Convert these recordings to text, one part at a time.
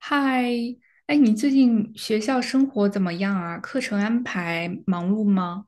嗨，哎，你最近学校生活怎么样啊？课程安排忙碌吗？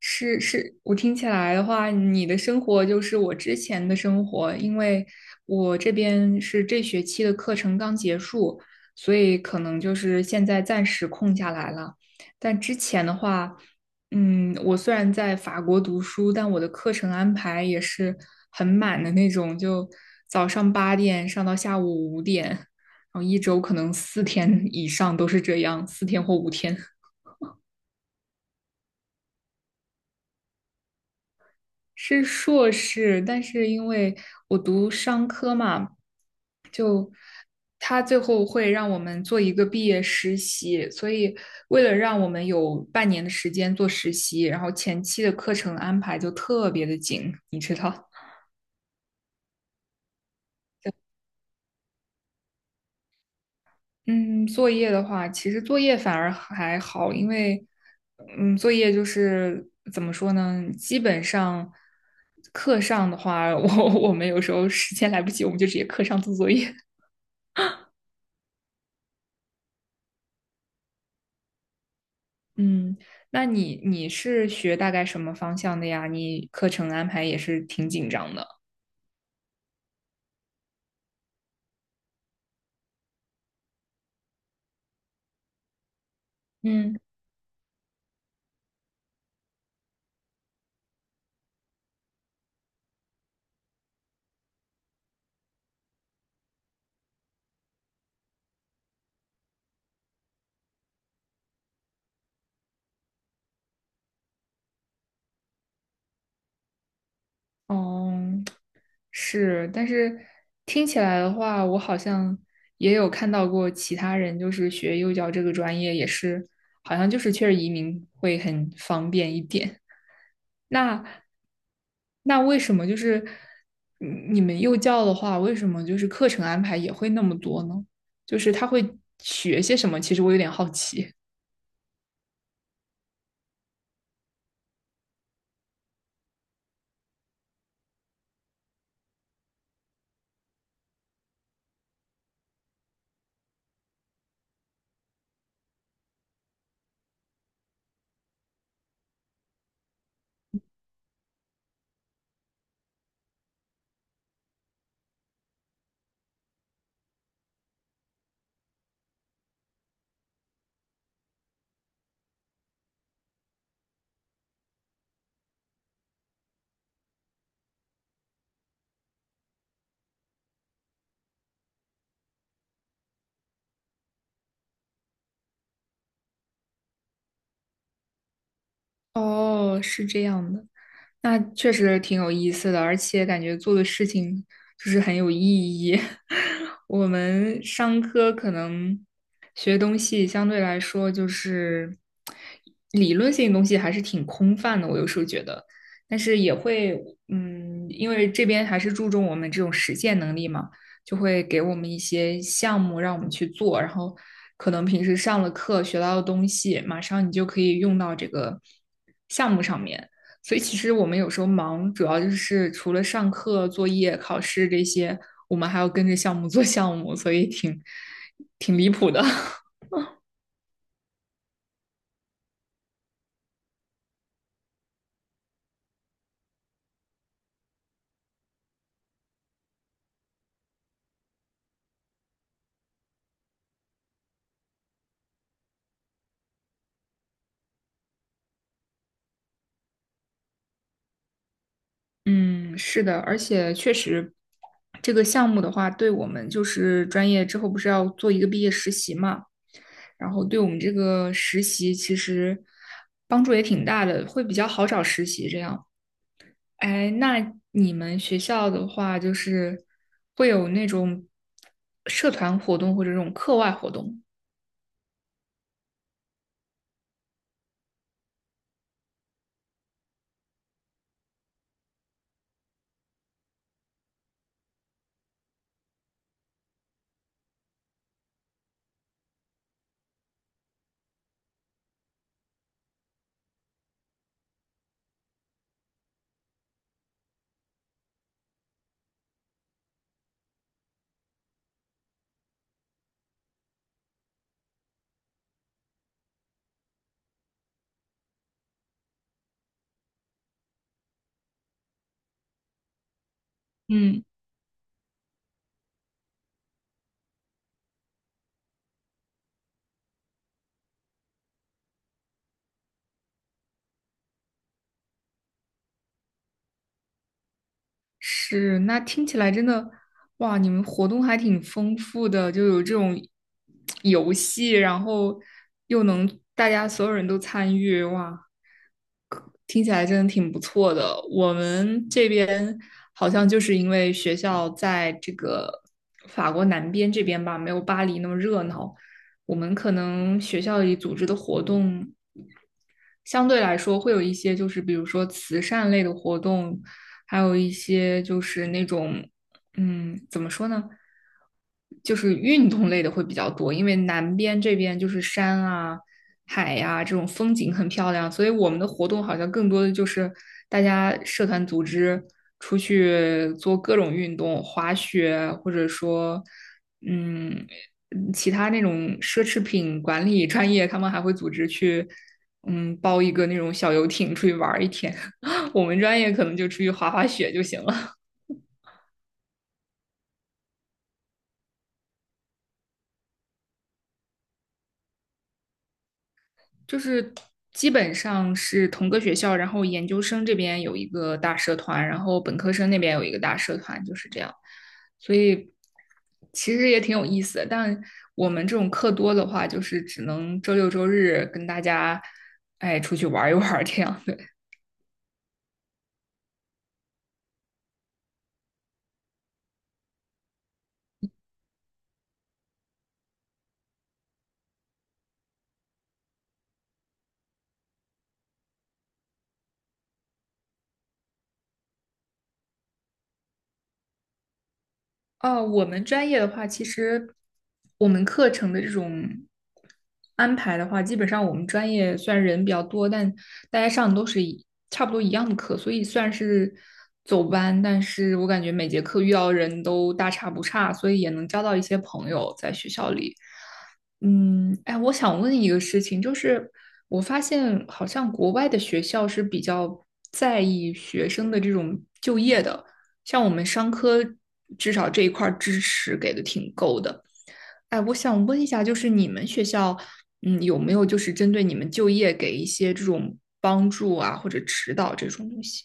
是是，我听起来的话，你的生活就是我之前的生活，因为我这边是这学期的课程刚结束，所以可能就是现在暂时空下来了。但之前的话，我虽然在法国读书，但我的课程安排也是很满的那种，就早上8点上到下午5点，然后一周可能四天以上都是这样，四天或5天。是硕士，但是因为我读商科嘛，就他最后会让我们做一个毕业实习，所以为了让我们有半年的时间做实习，然后前期的课程安排就特别的紧，你知道。嗯，作业的话，其实作业反而还好，因为，作业就是怎么说呢？基本上课上的话，我们有时候时间来不及，我们就直接课上做作业。嗯，那你是学大概什么方向的呀？你课程安排也是挺紧张的。嗯。哦，是，但是听起来的话，我好像也有看到过其他人，就是学幼教这个专业，也是好像就是确实移民会很方便一点。那为什么就是你们幼教的话，为什么就是课程安排也会那么多呢？就是他会学些什么？其实我有点好奇。哦，是这样的。那确实挺有意思的，而且感觉做的事情就是很有意义。我们商科可能学东西相对来说就是理论性的东西还是挺空泛的，我有时候觉得，但是也会，嗯，因为这边还是注重我们这种实践能力嘛，就会给我们一些项目让我们去做，然后可能平时上了课学到的东西，马上你就可以用到这个项目上面。所以其实我们有时候忙，主要就是除了上课、作业、考试这些，我们还要跟着项目做项目，所以挺离谱的。嗯，是的，而且确实，这个项目的话，对我们就是专业之后不是要做一个毕业实习嘛，然后对我们这个实习其实帮助也挺大的，会比较好找实习这样。哎，那你们学校的话，就是会有那种社团活动或者这种课外活动？嗯，是，那听起来真的，哇，你们活动还挺丰富的，就有这种游戏，然后又能大家所有人都参与，哇，听起来真的挺不错的。我们这边好像就是因为学校在这个法国南边这边吧，没有巴黎那么热闹，我们可能学校里组织的活动相对来说会有一些就是比如说慈善类的活动，还有一些就是那种怎么说呢，就是运动类的会比较多，因为南边这边就是山啊、海呀、这种风景很漂亮，所以我们的活动好像更多的就是大家社团组织出去做各种运动，滑雪或者说嗯其他那种奢侈品管理专业，他们还会组织去。嗯，包一个那种小游艇出去玩一天。我们专业可能就出去滑滑雪就行了。就是基本上是同个学校，然后研究生这边有一个大社团，然后本科生那边有一个大社团，就是这样。所以其实也挺有意思的。但我们这种课多的话，就是只能周六周日跟大家哎出去玩一玩这样的。哦，我们专业的话，其实我们课程的这种安排的话，基本上我们专业虽然人比较多，但大家上的都是一差不多一样的课，所以虽然是走班，但是我感觉每节课遇到的人都大差不差，所以也能交到一些朋友在学校里。嗯，哎，我想问一个事情，就是我发现好像国外的学校是比较在意学生的这种就业的，像我们商科至少这一块儿支持给的挺够的。哎，我想问一下，就是你们学校，嗯，有没有就是针对你们就业给一些这种帮助啊，或者指导这种东西？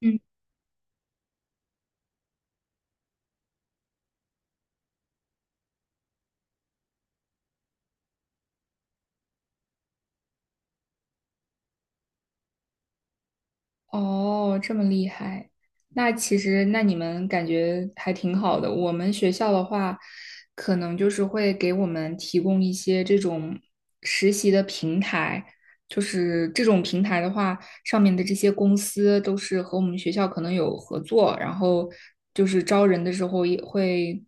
嗯。哦，这么厉害，那其实那你们感觉还挺好的。我们学校的话，可能就是会给我们提供一些这种实习的平台，就是这种平台的话，上面的这些公司都是和我们学校可能有合作，然后就是招人的时候也会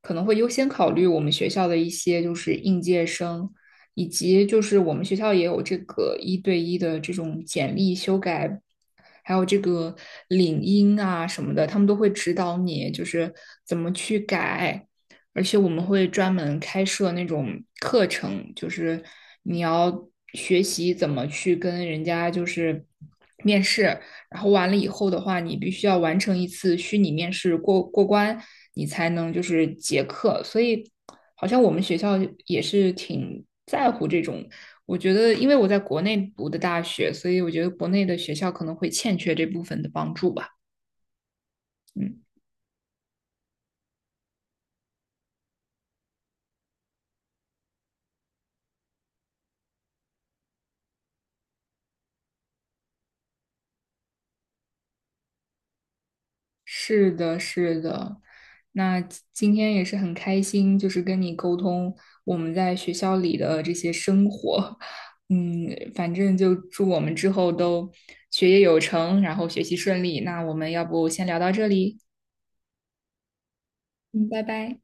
可能会优先考虑我们学校的一些就是应届生。以及就是我们学校也有这个一对一的这种简历修改，还有这个领英啊什么的，他们都会指导你就是怎么去改，而且我们会专门开设那种课程，就是你要学习怎么去跟人家就是面试，然后完了以后的话，你必须要完成一次虚拟面试过关，你才能就是结课，所以。好像我们学校也是挺在乎这种。我觉得，因为我在国内读的大学，所以我觉得国内的学校可能会欠缺这部分的帮助吧。嗯，是的，是的。那今天也是很开心，就是跟你沟通我们在学校里的这些生活。嗯，反正就祝我们之后都学业有成，然后学习顺利。那我们要不先聊到这里？嗯，拜拜。